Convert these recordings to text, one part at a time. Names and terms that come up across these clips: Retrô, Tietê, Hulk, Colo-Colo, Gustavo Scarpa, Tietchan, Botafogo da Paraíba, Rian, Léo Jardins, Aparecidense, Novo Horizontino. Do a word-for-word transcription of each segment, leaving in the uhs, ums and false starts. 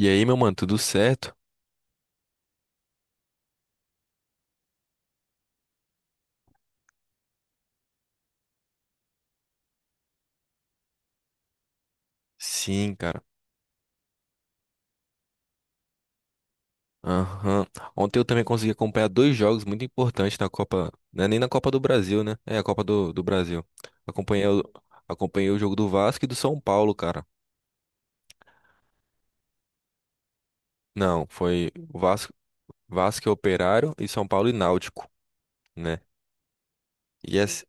E aí, meu mano, tudo certo? Sim, cara. Aham. Ontem eu também consegui acompanhar dois jogos muito importantes na Copa. Não é nem na Copa do Brasil, né? É a Copa do, do Brasil. Acompanhei o, acompanhei o jogo do Vasco e do São Paulo, cara. Não, foi o Vasco, Vasco e Operário e São Paulo e Náutico, né? E as-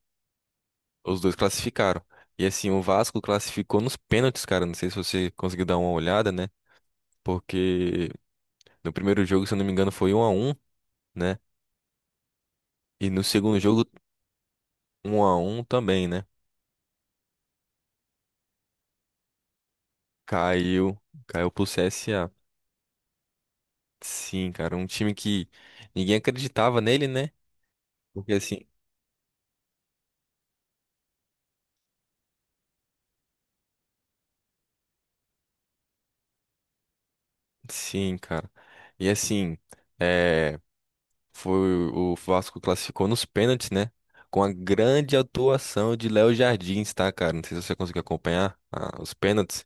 os dois classificaram. E assim, o Vasco classificou nos pênaltis, cara. Não sei se você conseguiu dar uma olhada, né? Porque no primeiro jogo, se eu não me engano, foi um a um, né? E no segundo jogo, um a um também, né? Caiu, caiu pro C S A. Sim, cara, um time que ninguém acreditava nele, né? Porque assim, sim, cara. E assim, é, foi o Vasco classificou nos pênaltis, né? Com a grande atuação de Léo Jardins, tá, cara? Não sei se você conseguiu acompanhar ah, os pênaltis.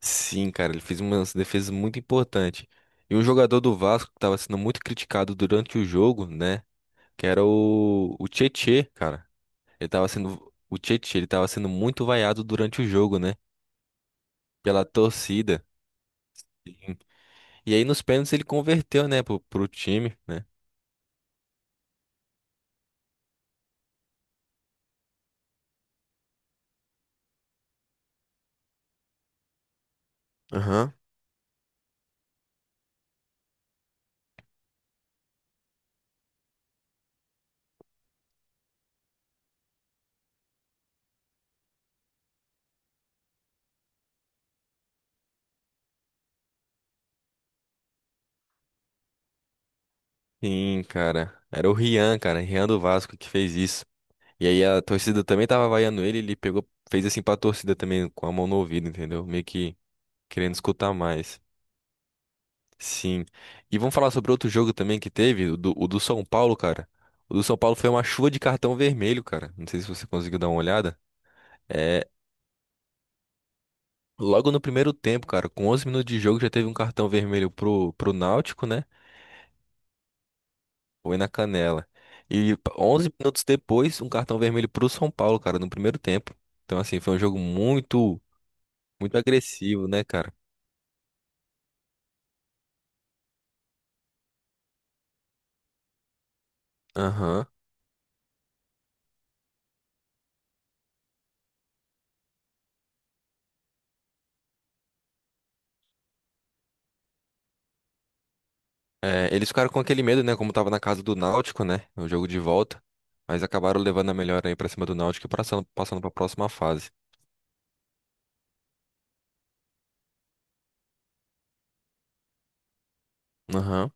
Sim, cara, ele fez uma defesa muito importante. E um jogador do Vasco que estava sendo muito criticado durante o jogo, né? Que era o, o Tietê, cara. Ele tava sendo. O Tietchan, ele tava sendo muito vaiado durante o jogo, né? Pela torcida. Sim. E aí nos pênaltis ele converteu, né, pro, pro time, né? Aham. Sim, cara. Era o Rian, cara, Rian do Vasco que fez isso. E aí a torcida também tava vaiando ele, ele pegou, fez assim pra torcida também, com a mão no ouvido, entendeu? Meio que querendo escutar mais. Sim. E vamos falar sobre outro jogo também que teve, o do, o do São Paulo, cara. O do São Paulo foi uma chuva de cartão vermelho, cara. Não sei se você conseguiu dar uma olhada. É, Logo no primeiro tempo, cara, com onze minutos de jogo já teve um cartão vermelho pro, pro Náutico, né? Foi na canela. E onze minutos depois, um cartão vermelho pro São Paulo, cara, no primeiro tempo. Então, assim, foi um jogo muito, muito agressivo, né, cara? Aham. É, eles ficaram com aquele medo, né? Como tava na casa do Náutico, né? O jogo de volta. Mas acabaram levando a melhor aí pra cima do Náutico e passando, passando pra próxima fase. Aham.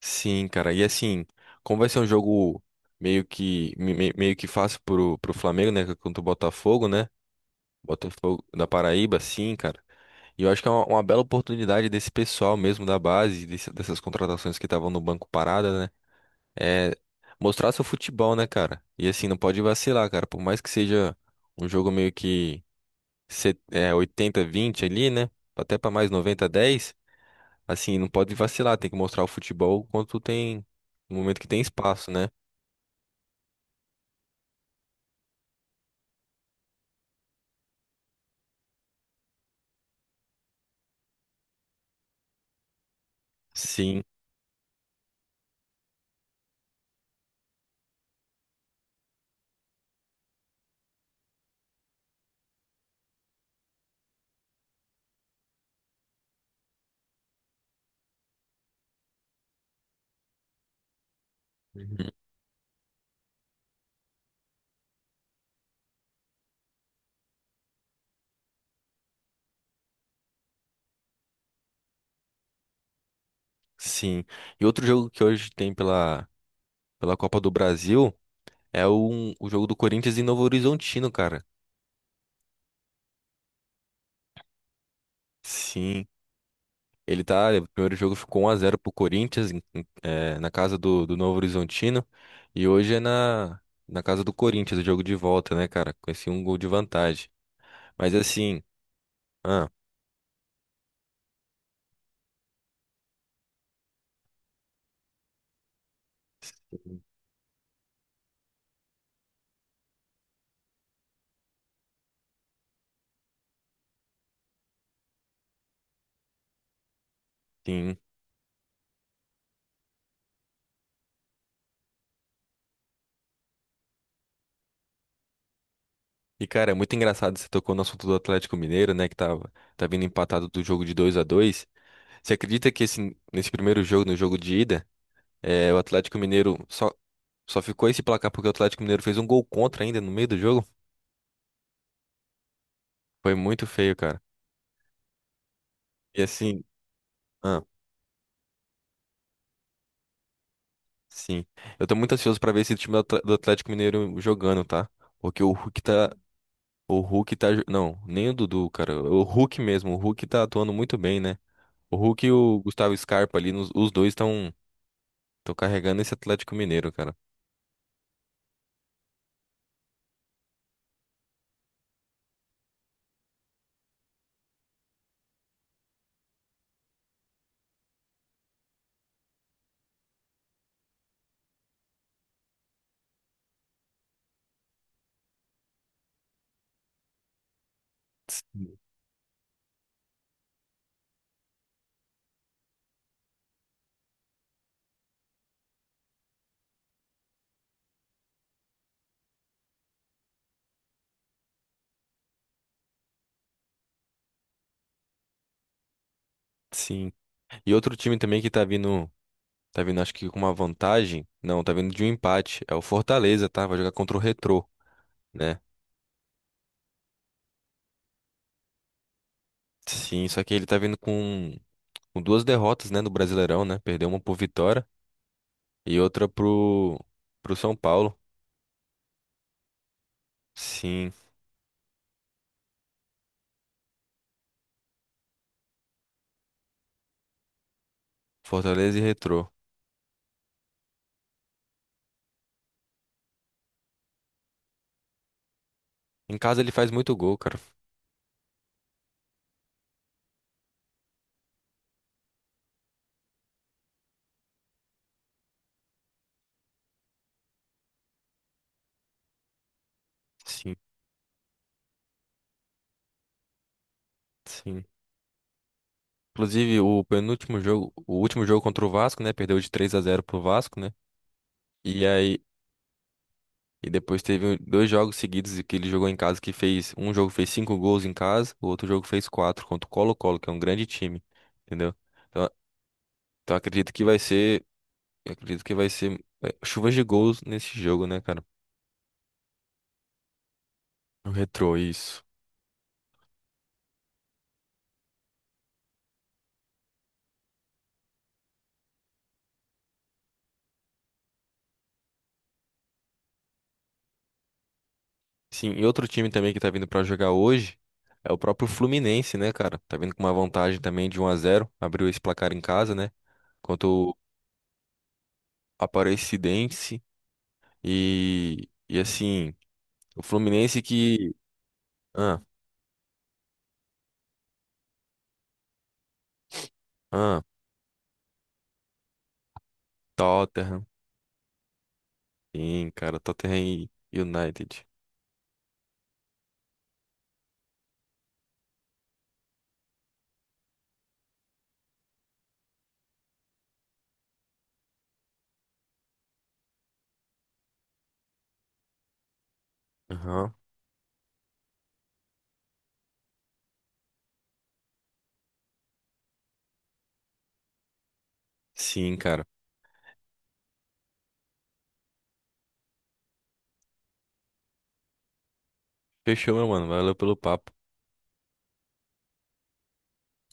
Sim, cara. E assim, como vai ser um jogo meio que me- me- meio que fácil pro, pro Flamengo, né? Contra o Botafogo, né? Botafogo da Paraíba, sim, cara. E eu acho que é uma, uma bela oportunidade desse pessoal mesmo da base, desse- dessas contratações que estavam no banco parada, né? É mostrar seu futebol, né, cara? E assim, não pode vacilar, cara. Por mais que seja um jogo meio que set- é, oitenta vinte ali, né? Até pra mais noventa dez. Assim, não pode vacilar, tem que mostrar o futebol quando tem, no momento que tem espaço, né? Sim. Uhum. Sim. E outro jogo que hoje tem pela, pela Copa do Brasil é o, o jogo do Corinthians em Novo Horizontino, cara. Sim, ele tá, o primeiro jogo ficou um a zero pro Corinthians, em- em- eh, na casa do, do Novo Horizontino, e hoje é na, na casa do Corinthians, o jogo de volta, né, cara? Com esse um gol de vantagem. Mas assim, ah, sim. E, cara, é muito engraçado você tocou no assunto do Atlético Mineiro, né? Que tá, tá vindo empatado do jogo de dois a dois. Você acredita que esse, nesse primeiro jogo, no jogo de ida, é, o Atlético Mineiro só, só ficou esse placar porque o Atlético Mineiro fez um gol contra ainda no meio do jogo? Foi muito feio, cara. E assim, ah, sim. Eu tô muito ansioso pra ver esse time do Atl- do Atlético Mineiro jogando, tá? Porque o Hulk tá. O Hulk tá. jo- Não, nem o Dudu, cara. O Hulk mesmo. O Hulk tá atuando muito bem, né? O Hulk e o Gustavo Scarpa ali, nos- os dois estão. Tô carregando esse Atlético Mineiro, cara. S- Sim. E outro time também que tá vindo, tá vindo acho que com uma vantagem. Não, tá vindo de um empate. É o Fortaleza, tá? Vai jogar contra o Retrô, né? Sim, só que ele tá vindo com, com duas derrotas, né, no Brasileirão, né? Perdeu uma pro Vitória e outra pro pro São Paulo. Sim, Fortaleza e Retrô. Em casa ele faz muito gol, cara. Sim, sim. Inclusive, o penúltimo jogo, o último jogo contra o Vasco, né? Perdeu de três a zero pro Vasco, né? E aí. E depois teve um, dois jogos seguidos que ele jogou em casa que fez. Um jogo fez cinco gols em casa, o outro jogo fez quatro contra o Colo-Colo, que é um grande time. Entendeu? Então, então acredito que vai ser. eu acredito que vai ser, é, chuvas de gols nesse jogo, né, cara? O Retrô, isso. Sim, e outro time também que tá vindo pra jogar hoje é o próprio Fluminense, né, cara? Tá vindo com uma vantagem também de um a zero, abriu esse placar em casa, né? Contra o Aparecidense. E e assim, o Fluminense que ah, ah, Tottenham. Sim, cara. Tottenham e United. Aham. Sim, cara. Fechou, meu mano. Valeu pelo papo.